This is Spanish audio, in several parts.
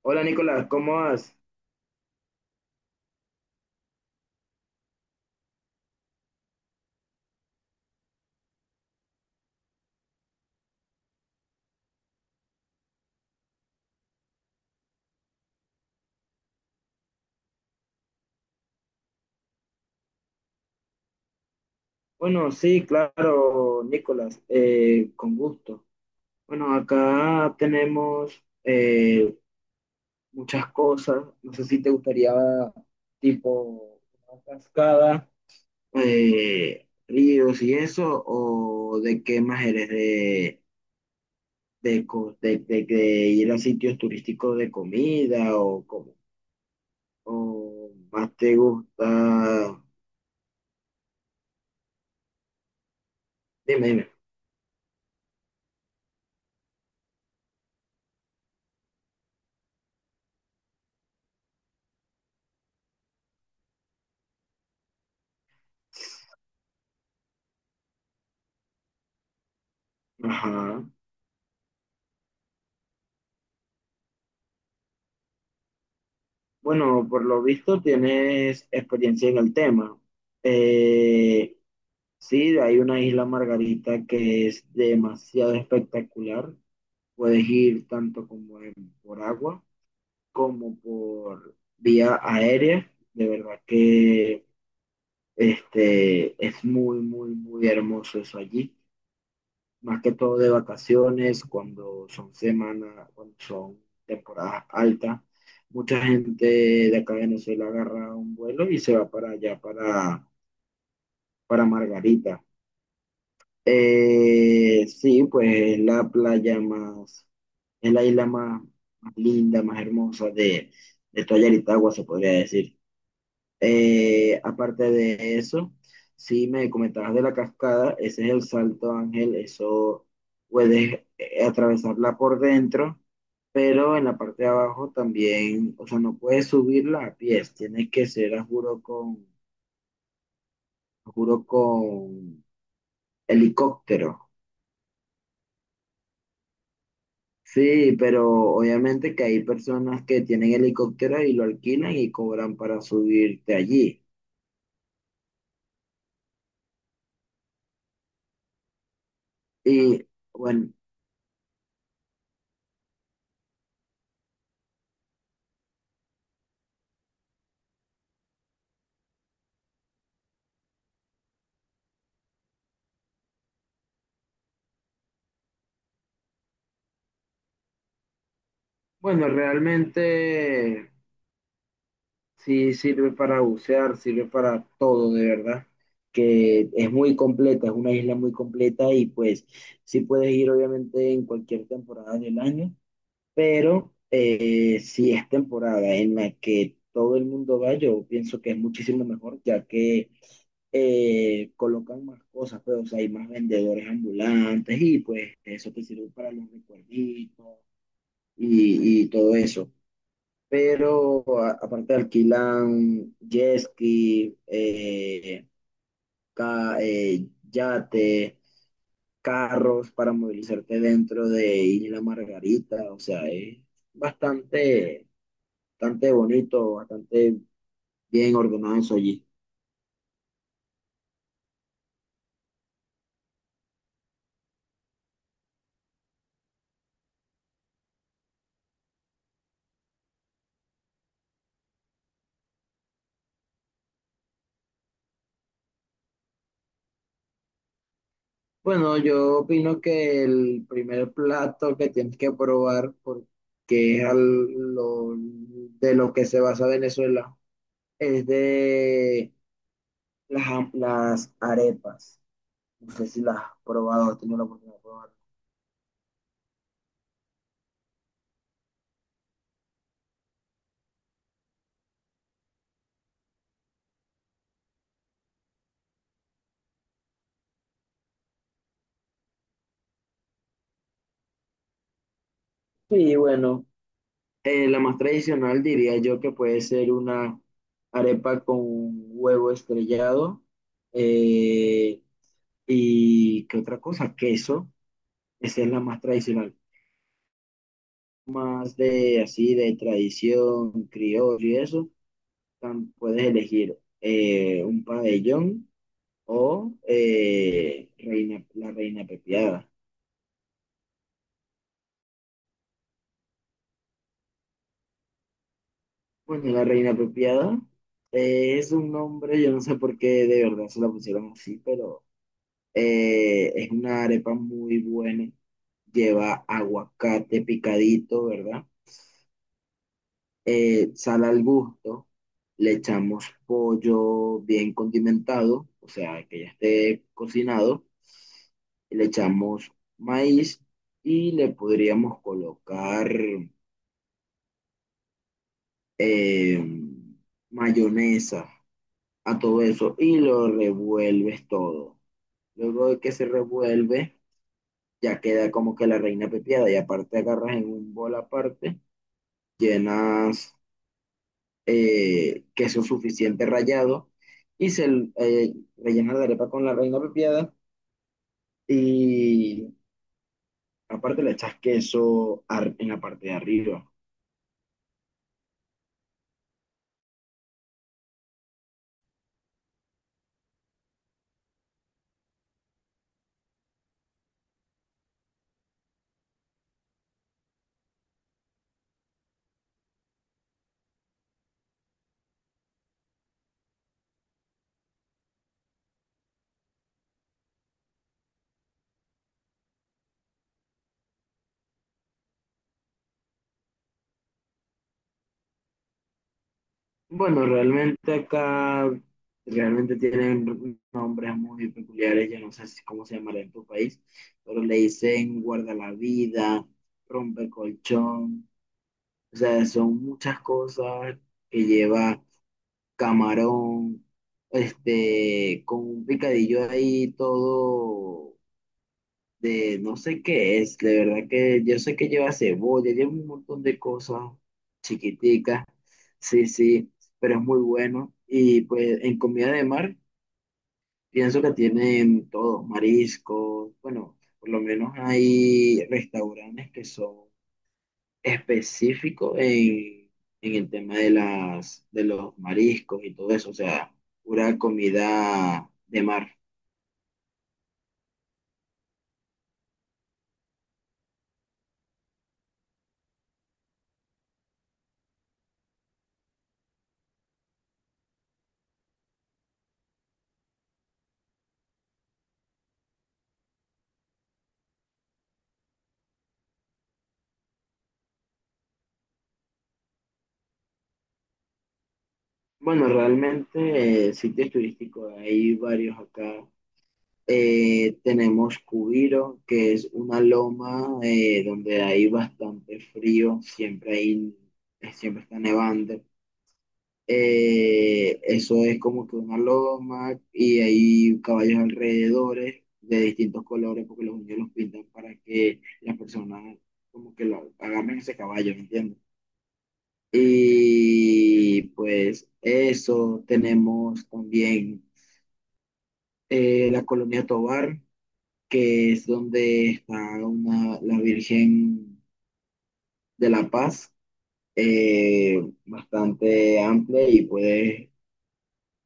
Hola Nicolás, ¿cómo vas? Bueno, sí, claro, Nicolás, con gusto. Bueno, acá tenemos muchas cosas. No sé si te gustaría tipo una cascada, ríos y eso, o de qué más eres de ir a sitios turísticos de comida o cómo, o más te gusta. Dime, dime. Ajá. Bueno, por lo visto tienes experiencia en el tema. Eh, sí, hay una isla Margarita que es demasiado espectacular. Puedes ir tanto por agua como por vía aérea. De verdad que este, es muy, muy, muy hermoso eso allí, más que todo de vacaciones, cuando son semanas, cuando son temporadas altas. Mucha gente de acá de Venezuela agarra un vuelo y se va para allá, para Margarita. Sí, pues es la playa más, es la isla más, más linda, más hermosa de toda Yaritagua, se podría decir. Aparte de eso, si me comentabas de la cascada, ese es el Salto Ángel. Eso puedes atravesarla por dentro, pero en la parte de abajo también, o sea, no puedes subirla a pies, tienes que ser, a juro, con helicóptero. Sí, pero obviamente que hay personas que tienen helicóptero y lo alquilan y cobran para subirte allí. Y bueno, bueno, realmente... Sí, sirve para bucear, sirve para todo, de verdad, que es muy completa, es una isla muy completa, y pues sí, puedes ir obviamente en cualquier temporada del año, pero si es temporada en la que todo el mundo va, yo pienso que es muchísimo mejor, ya que colocan más cosas, pues, o sea, hay más vendedores ambulantes y pues eso te sirve para los recuerditos y todo eso, pero aparte alquilan jet ski, yate, carros para movilizarte dentro de Isla Margarita, o sea, es bastante, bastante bonito, bastante bien ordenado eso allí. Bueno, yo opino que el primer plato que tienes que probar, porque es de lo que se basa Venezuela, es de las arepas. No sé si la has probado, has tenido la oportunidad de probar. Sí, bueno, la más tradicional diría yo que puede ser una arepa con huevo estrellado eh, y ¿qué otra cosa? Queso. Esa es la más tradicional. Más de así de tradición criollo y eso, puedes elegir un pabellón o reina, la reina pepiada. Bueno, la reina apropiada, es un nombre, yo no sé por qué de verdad se la pusieron así, pero es una arepa muy buena. Lleva aguacate picadito, ¿verdad? Sal al gusto. Le echamos pollo bien condimentado, o sea, que ya esté cocinado. Y le echamos maíz y le podríamos colocar eh, mayonesa a todo eso y lo revuelves todo. Luego de que se revuelve, ya queda como que la reina pepiada, y aparte agarras en un bol aparte, llenas queso suficiente rallado y se rellena la arepa con la reina pepiada, y aparte le echas en la parte de arriba. Bueno, realmente acá realmente tienen nombres muy peculiares, yo no sé cómo se llamará en tu país, pero le dicen guarda la vida, rompe colchón, o sea, son muchas cosas que lleva camarón, este, con un picadillo ahí todo de no sé qué es, de verdad que yo sé que lleva cebolla, lleva un montón de cosas chiquiticas, sí, sí, pero es muy bueno. Y pues en comida de mar, pienso que tienen todo, mariscos. Bueno, por lo menos hay restaurantes que son específicos en el tema de los mariscos y todo eso, o sea, pura comida de mar. Bueno, realmente sitios turísticos hay varios acá. Tenemos Cubiro, que es una loma donde hay bastante frío, siempre hay, siempre está nevando. Eso es como que una loma y hay caballos alrededores de distintos colores porque los niños los pintan para que las personas como que lo agarren ese caballo, ¿me entiendes? Y pues eso, tenemos también la colonia Tovar, que es donde está una, la Virgen de la Paz, eh, bastante amplia, y puedes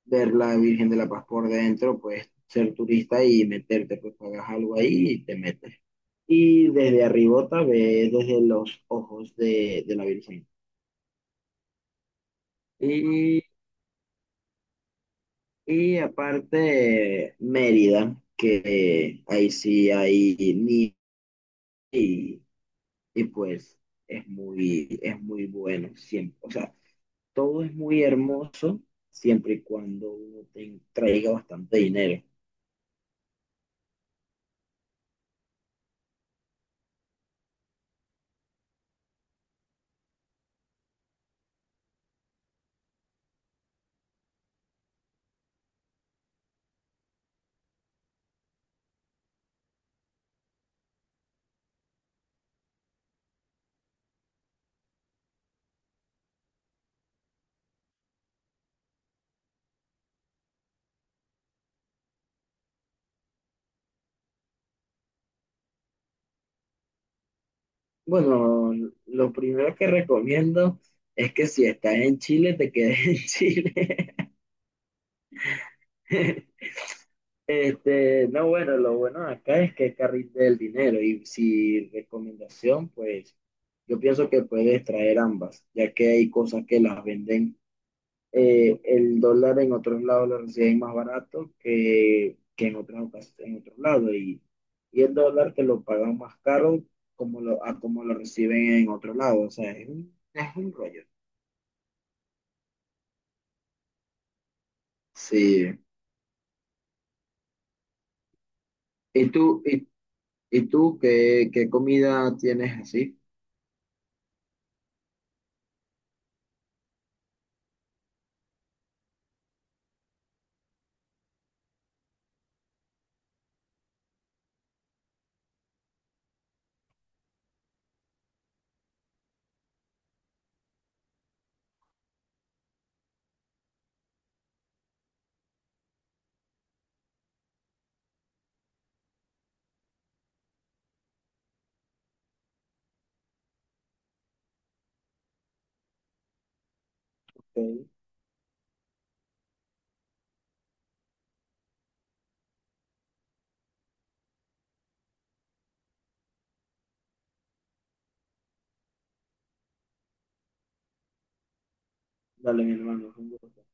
ver la Virgen de la Paz por dentro, puedes ser turista y meterte, pues pagas algo ahí y te metes. Y desde arribota ves desde los ojos de la Virgen. Y, y aparte Mérida, que ahí sí hay nieve y, y pues es muy bueno siempre. O sea, todo es muy hermoso siempre y cuando uno te traiga bastante dinero. Bueno, lo primero que recomiendo es que si estás en Chile, te quedes en Chile. Este, no, bueno, lo bueno de acá es que es carril del dinero, y si recomendación, pues yo pienso que puedes traer ambas, ya que hay cosas que las venden, el dólar en otros lados lo reciben más barato que en en otros lados. Y el dólar te lo pagan más caro como lo, a como lo reciben en otro lado. O sea, es un rollo. Sí. ¿Y tú, y, y tú qué, qué comida tienes así? Ok. Dale, mi hermano, un gusto.